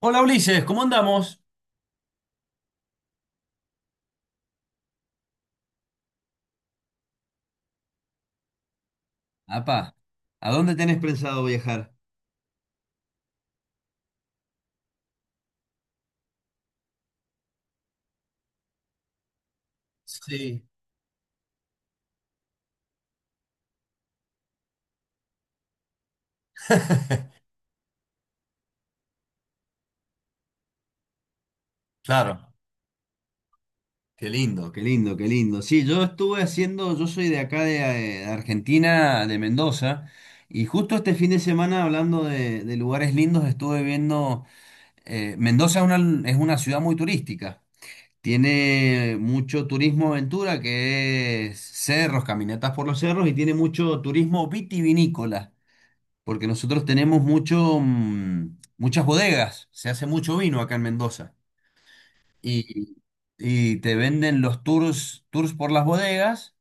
Hola Ulises, ¿cómo andamos? Apa, ¿a dónde tenés pensado viajar? Sí, claro, qué lindo. Qué lindo, qué lindo. Sí, yo estuve haciendo, yo soy de acá de Argentina, de Mendoza, y justo este fin de semana, hablando de lugares lindos, estuve viendo. Mendoza es una ciudad muy turística. Tiene mucho turismo aventura, que es cerros, caminatas por los cerros, y tiene mucho turismo vitivinícola. Porque nosotros tenemos muchas bodegas, se hace mucho vino acá en Mendoza, y, y te venden los tours, tours por las bodegas,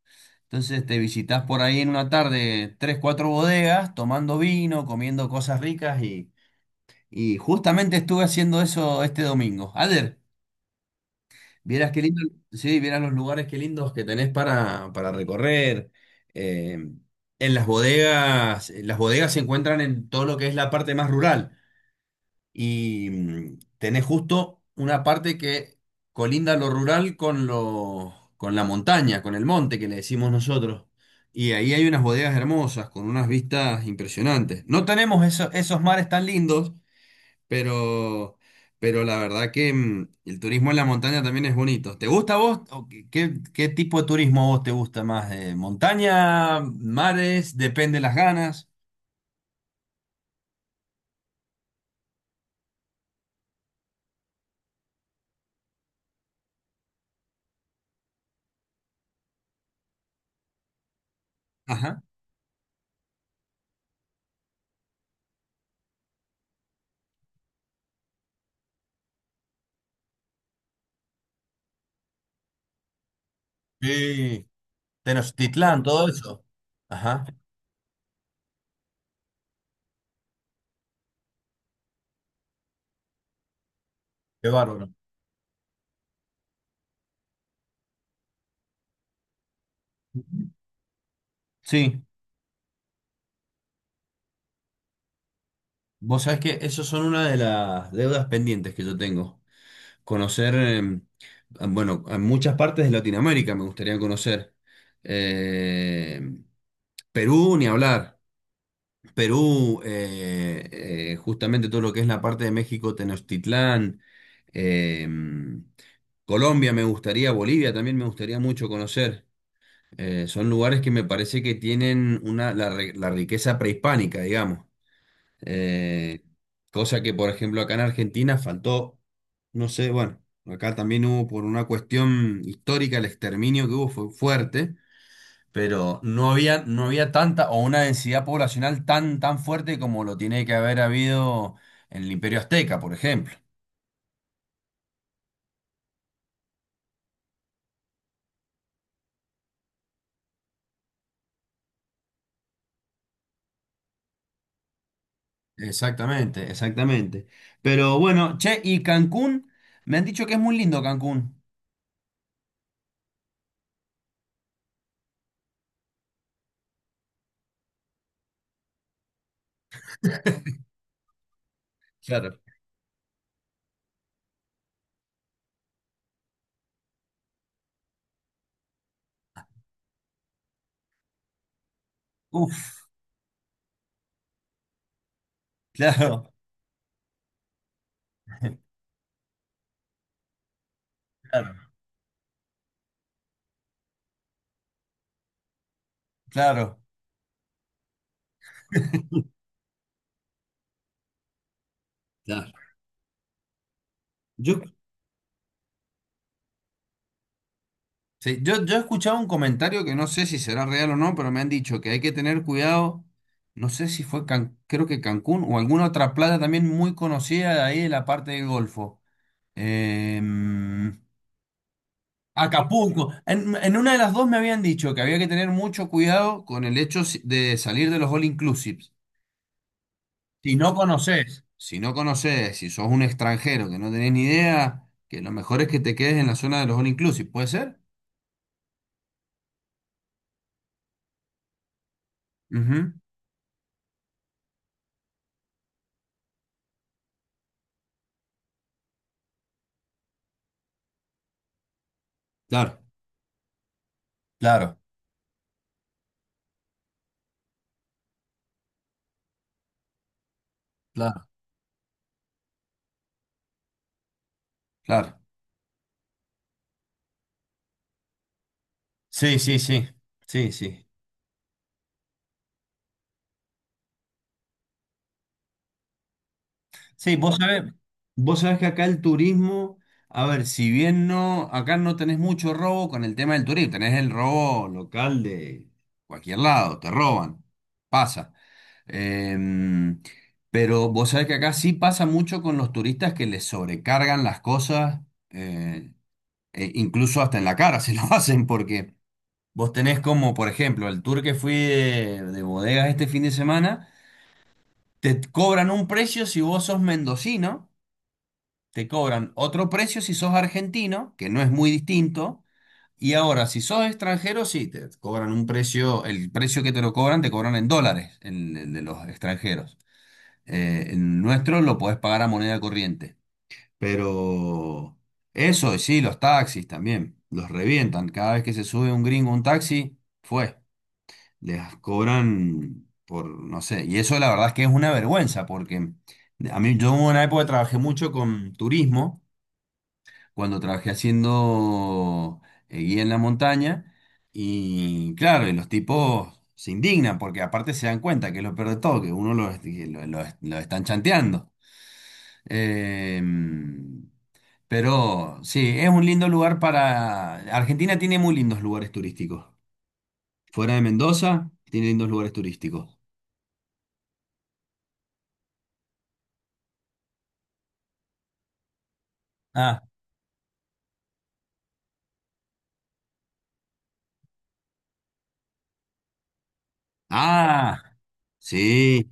entonces te visitas por ahí en una tarde tres, cuatro bodegas, tomando vino, comiendo cosas ricas, y justamente estuve haciendo eso este domingo. Ader, vieras qué lindo, sí, vieras los lugares qué lindos que tenés para, recorrer. eh, en las bodegas se encuentran en todo lo que es la parte más rural. Y tenés justo una parte que colinda lo rural con la montaña, con el monte que le decimos nosotros. Y ahí hay unas bodegas hermosas, con unas vistas impresionantes. No tenemos esos mares tan lindos, pero, pero la verdad que el turismo en la montaña también es bonito. ¿Te gusta a vos? ¿O qué tipo de turismo a vos te gusta más? ¿Montaña, mares? Depende las ganas. Ajá. Sí. Tenochtitlán, todo eso. Ajá. Qué bárbaro. Sí, vos sabés que esas son una de las deudas pendientes que yo tengo. Conocer, bueno, a muchas partes de Latinoamérica me gustaría conocer. Eh, Perú, ni hablar. Perú, justamente todo lo que es la parte de México, Tenochtitlán, eh, Colombia me gustaría, Bolivia también me gustaría mucho conocer. Son lugares que me parece que tienen una, la riqueza prehispánica, digamos. Eh, Cosa que, por ejemplo, acá en Argentina faltó, no sé, bueno, acá también hubo por una cuestión histórica, el exterminio que hubo fue fuerte, pero no había, tanta o una densidad poblacional tan fuerte como lo tiene que haber habido en el Imperio Azteca, por ejemplo. Exactamente, exactamente. Pero bueno, che, y Cancún, me han dicho que es muy lindo Cancún. Claro. Uf, claro, claro, claro. Claro. Yo. Sí, yo he escuchado un comentario que no sé si será real o no, pero me han dicho que hay que tener cuidado. No sé si fue creo que Cancún o alguna otra playa también muy conocida de ahí de la parte del Golfo. Em, Acapulco. En una de las dos me habían dicho que había que tener mucho cuidado con el hecho de salir de los all inclusives. si no conoces si sos un extranjero que no tenés ni idea, que lo mejor es que te quedes en la zona de los all inclusive, ¿puede ser? Ujú. Claro. Claro. Claro. Claro. Sí, sí, sí. Sí, sí. Sí, vos sabés que acá el turismo, a ver, si bien no, acá no tenés mucho robo con el tema del turismo, tenés el robo local de cualquier lado, te roban, pasa. Em, pero vos sabés que acá sí pasa mucho con los turistas que les sobrecargan las cosas, eh, e incluso hasta en la cara se lo hacen, porque vos tenés como, por ejemplo, el tour que fui de bodegas este fin de semana. Te cobran un precio si vos sos mendocino, te cobran otro precio si sos argentino, que no es muy distinto, y ahora si sos extranjero, sí, te cobran un precio, el precio que te lo cobran te cobran en dólares, en, el de los extranjeros. El nuestro lo podés pagar a moneda corriente, pero eso, y sí, los taxis también, los revientan, cada vez que se sube un gringo a un taxi, fue les cobran por, no sé, y eso la verdad es que es una vergüenza, porque a mí, yo, hubo una época que trabajé mucho con turismo, cuando trabajé haciendo guía en la montaña, y claro, y los tipos se indignan, porque aparte se dan cuenta que es lo peor de todo, que uno los, que lo están chanteando. Eh, pero sí, es un lindo lugar para. Argentina tiene muy lindos lugares turísticos. Fuera de Mendoza, tiene lindos lugares turísticos. Ah. Ah, sí,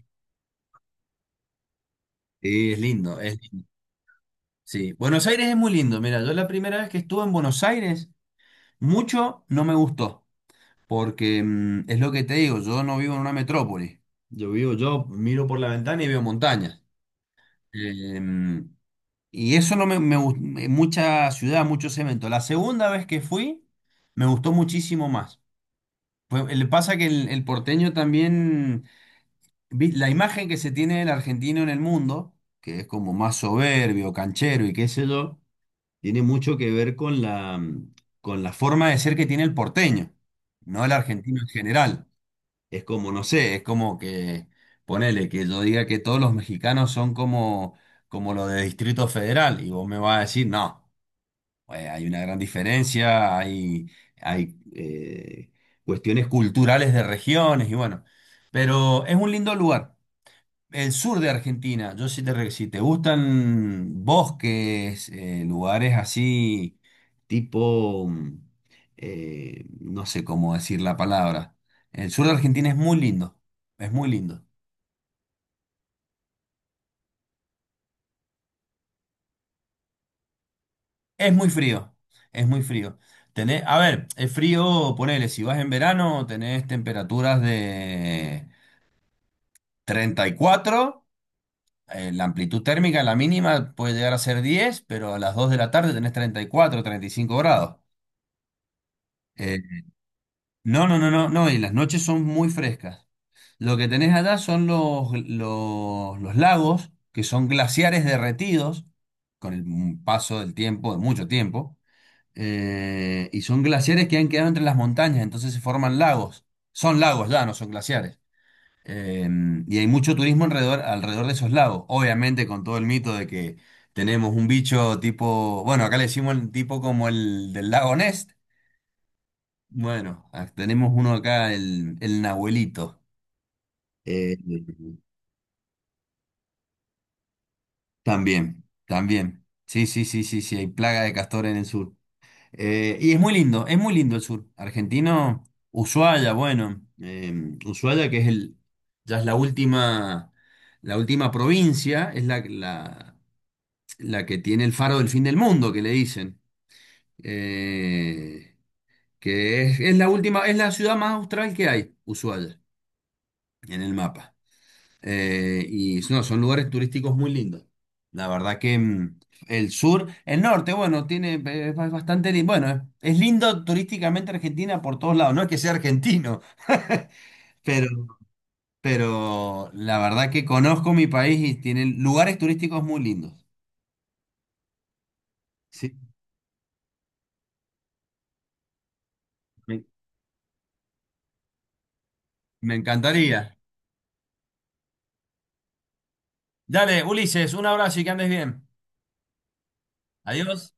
sí, es lindo, es lindo. Sí, Buenos Aires es muy lindo. Mira, yo la primera vez que estuve en Buenos Aires, mucho no me gustó, porque es lo que te digo, yo no vivo en una metrópoli. Yo vivo, yo miro por la ventana y veo montañas. Em, y eso no mucha ciudad, mucho cemento. La segunda vez que fui, me gustó muchísimo más. Le pasa que el, porteño también la imagen que se tiene del argentino en el mundo, que es como más soberbio, canchero y qué sé yo, tiene mucho que ver con la forma de ser que tiene el porteño, no el argentino en general. Es como, no sé, es como que, ponele, que yo diga que todos los mexicanos son como los de Distrito Federal, y vos me vas a decir, no, hay una gran diferencia, hay cuestiones culturales de regiones y bueno, pero es un lindo lugar. El sur de Argentina, yo sí te, si te gustan bosques, lugares así, tipo, no sé cómo decir la palabra. El sur de Argentina es muy lindo, es muy lindo. Es muy frío, es muy frío. Tenés, a ver, es frío, ponele, si vas en verano, tenés temperaturas de 34, la amplitud térmica, la mínima puede llegar a ser 10, pero a las 2 de la tarde tenés 30 34 35 grados. Eh, No, no, no, no, no, y las noches son muy frescas. Lo que tenés allá son los lagos, que son glaciares derretidos con el paso del tiempo, de mucho tiempo, y son glaciares que han quedado entre las montañas, entonces se forman lagos. Son lagos ya, no son glaciares. Eh, y hay mucho turismo alrededor, de esos lagos, obviamente con todo el mito de que tenemos un bicho tipo, bueno, acá le decimos el tipo como el del lago Ness. Bueno, ah, tenemos uno acá, el Nahuelito. Eh, También, también. Sí, sí, sí, sí, sí, hay plaga de castor en el sur. Y es muy lindo el sur. Argentino, Ushuaia, bueno. Ushuaia, que es el, ya es la última provincia, es la que tiene el faro del fin del mundo, que le dicen. Eh, que es, es la ciudad más austral que hay, Ushuaia, en el mapa. Y no, son lugares turísticos muy lindos. La verdad que el sur, el norte, bueno, tiene, es bastante lindo. Bueno, es lindo turísticamente Argentina por todos lados. No es que sea argentino, pero, pero, la verdad que conozco mi país y tiene lugares turísticos muy lindos. Sí, me, me encantaría. Dale, Ulises, un abrazo y que andes bien. Adiós.